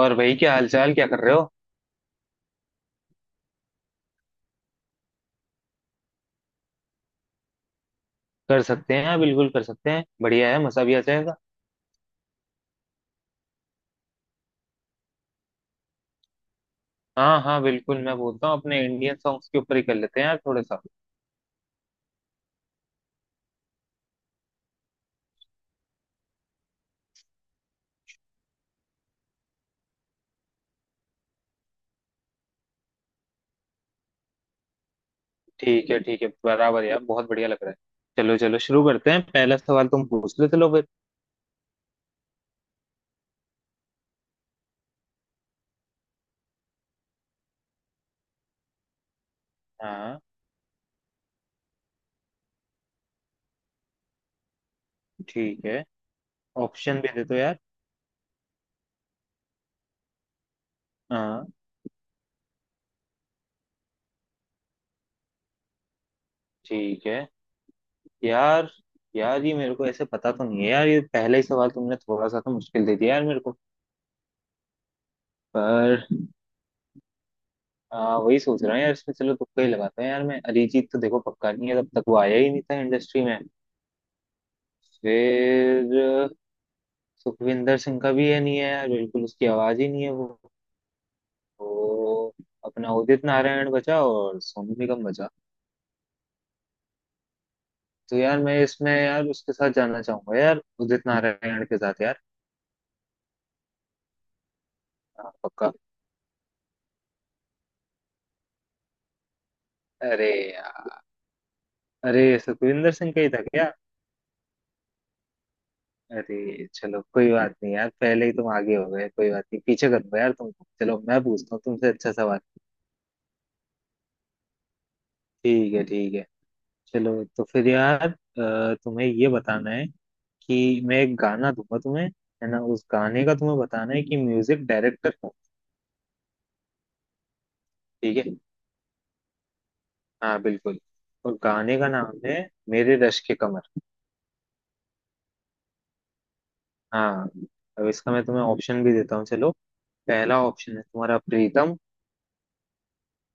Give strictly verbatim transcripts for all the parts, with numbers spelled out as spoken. और भाई क्या हालचाल, क्या कर रहे हो। कर सकते हैं, बिल्कुल कर सकते हैं, बढ़िया है, मजा भी आ जाएगा। हाँ हाँ बिल्कुल, मैं बोलता हूँ अपने इंडियन सॉन्ग्स के ऊपर ही कर लेते हैं यार, थोड़ा सा। ठीक है ठीक है, बराबर यार, बहुत बढ़िया लग रहा है। चलो चलो शुरू करते हैं, पहला सवाल तुम पूछ लो चलो फिर। हाँ। ठीक है, ऑप्शन भी दे दो यार। हाँ। ठीक है। यार, यार ये मेरे को ऐसे पता तो नहीं है यार, ये पहला ही सवाल तुमने थोड़ा सा तो मुश्किल दे दिया यार मेरे को। पर हाँ वही सोच रहा हूँ यार इसमें, चलो तुक्का ही लगाते हैं यार। मैं अरिजीत तो देखो पक्का नहीं है, तब तक वो आया ही नहीं था इंडस्ट्री में। फिर अ, सुखविंदर सिंह का भी है नहीं है यार, बिल्कुल उसकी आवाज ही नहीं है वो। तो अपना उदित नारायण बचा और सोनू निगम बचा। तो यार मैं इसमें यार उसके साथ जाना चाहूंगा यार, उदित नारायण के साथ यार। हाँ, पक्का। अरे यार। अरे, सुखविंदर सिंह का ही था क्या। अरे चलो कोई बात नहीं यार, पहले ही तुम आगे हो गए। कोई बात नहीं, पीछे कर दो यार तुमको, चलो मैं पूछता हूँ तुमसे अच्छा सवाल। ठीक है ठीक है। चलो तो फिर यार, अ, तुम्हें ये बताना है कि मैं एक गाना दूंगा तुम्हें, है ना। उस गाने का तुम्हें बताना है कि म्यूजिक डायरेक्टर कौन। ठीक है, हाँ बिल्कुल। और गाने का नाम है मेरे रश के कमर। हाँ। अब इसका मैं तुम्हें ऑप्शन भी देता हूँ चलो। पहला ऑप्शन है तुम्हारा प्रीतम।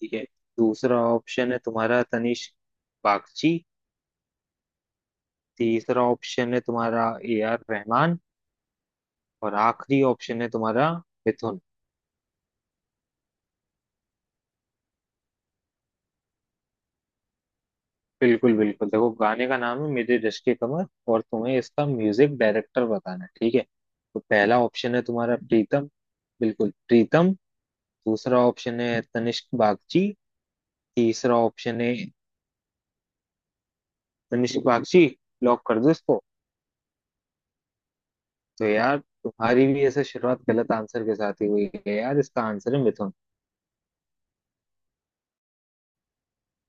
ठीक है। दूसरा ऑप्शन है तुम्हारा तनिष्क बागची। तीसरा ऑप्शन है तुम्हारा ए आर रहमान। और आखिरी ऑप्शन है तुम्हारा मिथुन। बिल्कुल बिल्कुल देखो, गाने का नाम है मेरी रिश्क की कमर, और तुम्हें इसका म्यूजिक डायरेक्टर बताना है ठीक है। तो पहला ऑप्शन है तुम्हारा प्रीतम, बिल्कुल प्रीतम। दूसरा ऑप्शन है तनिष्क बागची। तीसरा ऑप्शन है तनिष्क बागची। लॉक कर दो इसको। तो यार, तुम्हारी भी ऐसे शुरुआत गलत आंसर के साथ ही हुई है यार, इसका आंसर है मिथुन।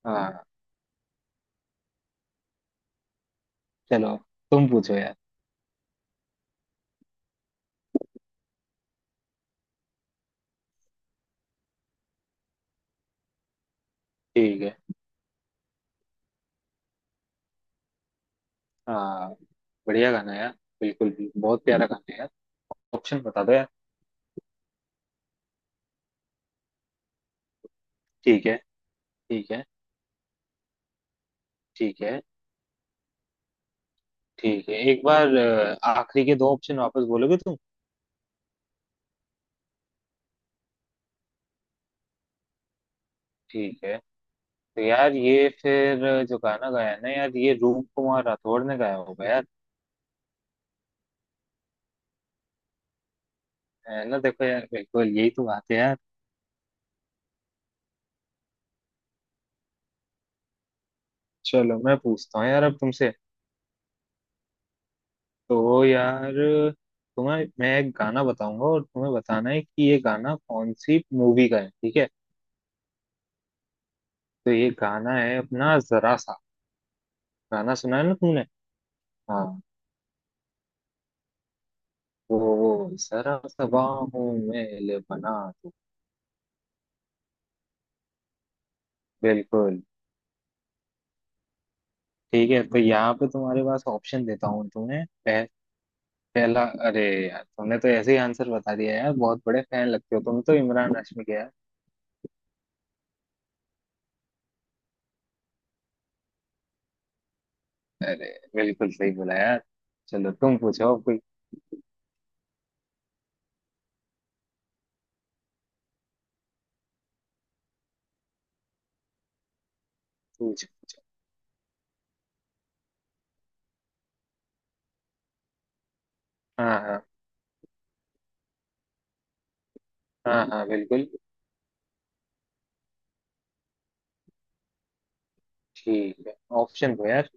हाँ। चलो तुम पूछो यार। ठीक है। हाँ, बढ़िया गाना है यार, बिल्कुल, भी बहुत प्यारा गाना है यार। ऑप्शन बता दो यार। ठीक है। ठीक है। ठीक है। ठीक है, एक बार अ, आखिरी के दो ऑप्शन वापस बोलोगे तुम। ठीक है। तो यार ये फिर जो गाना गाया है ना यार, ये रूप कुमार राठौड़ ने गाया होगा यार। है ना, देखो यार, बिल्कुल यही तो बात है यार। चलो मैं पूछता हूँ यार अब तुमसे। तो यार तुम्हें मैं एक गाना बताऊंगा और तुम्हें बताना है कि ये गाना कौन सी मूवी का है ठीक है। तो ये गाना है अपना जरा सा, गाना सुना है ना तुमने। हाँ, वो वो जरा सा बाहों में ले बना दो। बिल्कुल। ठीक है, तो यहाँ पे तुम्हारे पास ऑप्शन देता हूँ तुम्हें। पह, पहला, अरे यार तुमने तो ऐसे ही आंसर बता दिया यार, बहुत बड़े फैन लगते हो तुम तो इमरान हाशमी के यार। अरे बिल्कुल सही बोला यार। चलो तुम पूछो अब कोई। पूछो पूछो। हाँ हाँ। हाँ हाँ बिल्कुल। ठीक है, ऑप्शन दो यार।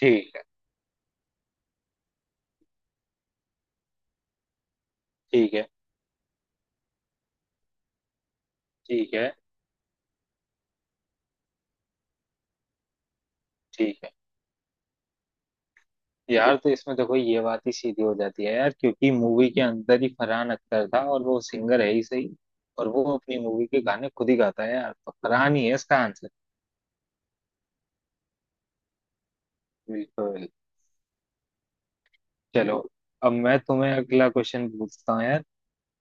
ठीक है। ठीक है। ठीक है। ठीक है, यार तो इसमें देखो ये बात ही सीधी हो जाती है यार, क्योंकि मूवी के अंदर ही फरहान अख्तर था और वो सिंगर है ही सही, और वो अपनी मूवी के गाने खुद ही गाता है यार, तो फरहान ही है इसका आंसर। बिल्कुल। चलो, अब मैं तुम्हें अगला क्वेश्चन पूछता हूँ यार।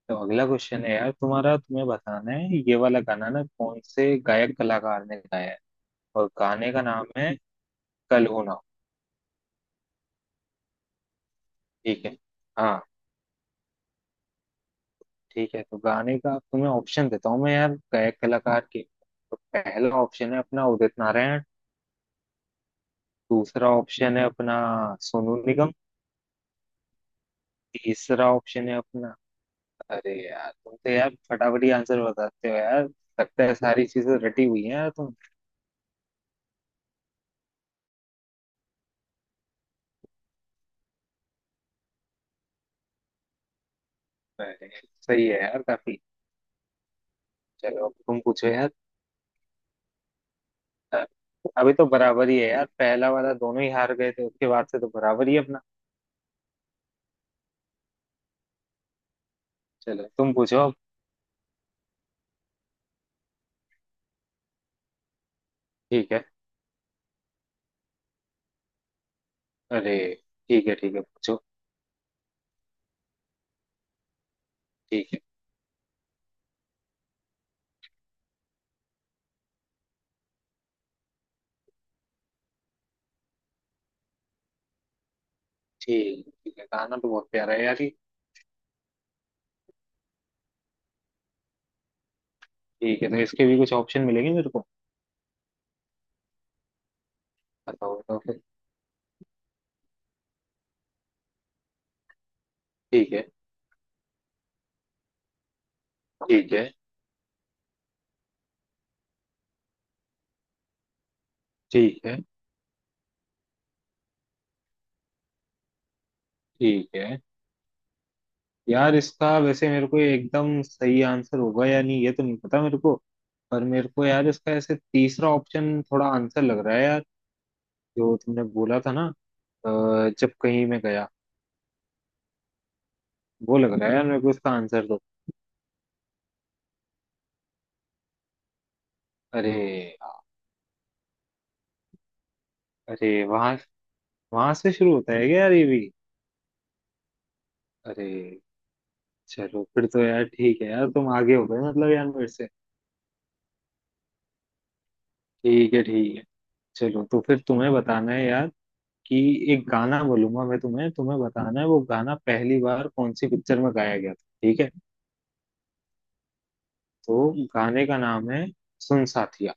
तो अगला क्वेश्चन है यार तुम्हारा, तुम्हें बताना है ये वाला गाना ना कौन से गायक कलाकार ने गाया है। और गाने का नाम है कल हो ना हो। ठीक है, हाँ। ठीक है, तो गाने का तुम्हें ऑप्शन देता हूँ मैं यार गायक कलाकार के। तो पहला ऑप्शन है अपना उदित नारायण। दूसरा ऑप्शन है अपना सोनू निगम। तीसरा ऑप्शन है अपना, अरे यार तुम तो यार फटाफट ही आंसर बताते हो यार, लगता है सारी चीजें रटी हुई है यार तुम। अरे, सही है यार काफी। चलो अब तुम पूछो यार। अ, अभी तो बराबर ही है यार, पहला वाला दोनों ही हार गए थे, उसके बाद से तो बराबर ही है अपना। चलो तुम पूछो अब। ठीक है। अरे, ठीक है ठीक है पूछो। ठीक है। ठीक, ठीक है, गाना तो बहुत प्यारा है यार ये। ठीक है, तो इसके भी कुछ ऑप्शन मिलेंगे मेरे को। बताओ बताओ फिर। ठीक है। ठीक है। ठीक है। ठीक है, यार इसका वैसे मेरे को एकदम सही आंसर होगा या नहीं ये तो नहीं पता मेरे को। पर मेरे को यार इसका ऐसे तीसरा ऑप्शन थोड़ा आंसर लग रहा है यार, जो तुमने बोला था ना, अ, जब कहीं मैं गया, वो लग रहा है यार मेरे को, इसका आंसर दो। अरे यार, अरे वहां, वहां से शुरू होता है क्या यार ये भी। अरे चलो फिर तो यार ठीक है यार, तुम आगे हो गए मतलब यार मेरे से। ठीक है ठीक है। चलो तो फिर तुम्हें बताना है यार कि एक गाना बोलूंगा मैं तुम्हें, तुम्हें बताना है वो गाना पहली बार कौन सी पिक्चर में गाया गया था ठीक है। तो गाने का नाम है सुन साथिया।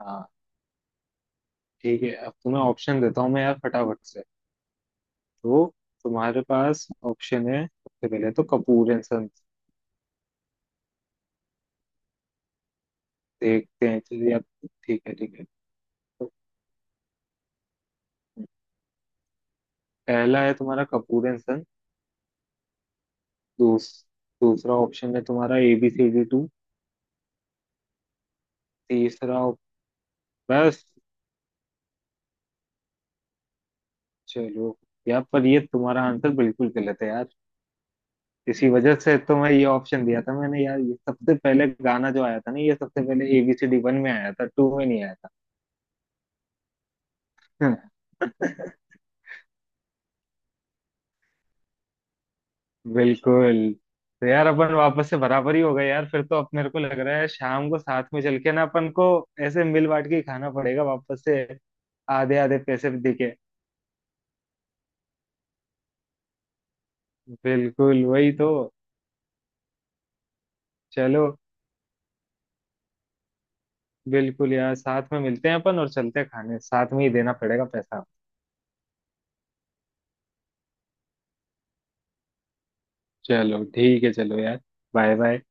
हाँ। ठीक है, अब तुम्हें ऑप्शन देता हूँ मैं यार फटाफट से। तो तुम्हारे पास ऑप्शन है, सबसे पहले तो कपूर एंड सन्स। देखते हैं चलिए अब। ठीक है ठीक है। तो पहला है तुम्हारा कपूर एंड सन्स। दूस, दूसरा ऑप्शन है तुम्हारा एबीसीडी टू। तीसरा op- बस चलो। यार पर ये तुम्हारा आंसर बिल्कुल गलत है यार। इसी वजह से तो मैं ये ऑप्शन दिया था मैंने यार, ये सबसे पहले गाना जो आया था ना, ये सबसे पहले एबीसीडी वन में आया था, टू में नहीं आया था बिल्कुल। तो यार अपन वापस से बराबर ही हो गए यार, फिर तो अब मेरे को लग रहा है शाम को साथ में चल के ना अपन को ऐसे मिल बांट के ही खाना पड़ेगा वापस से। आधे आधे पैसे भी दिखे। बिल्कुल वही तो। चलो बिल्कुल यार, साथ में मिलते हैं अपन और चलते हैं खाने, साथ में ही देना पड़ेगा पैसा। चलो ठीक है, चलो यार, बाय बाय।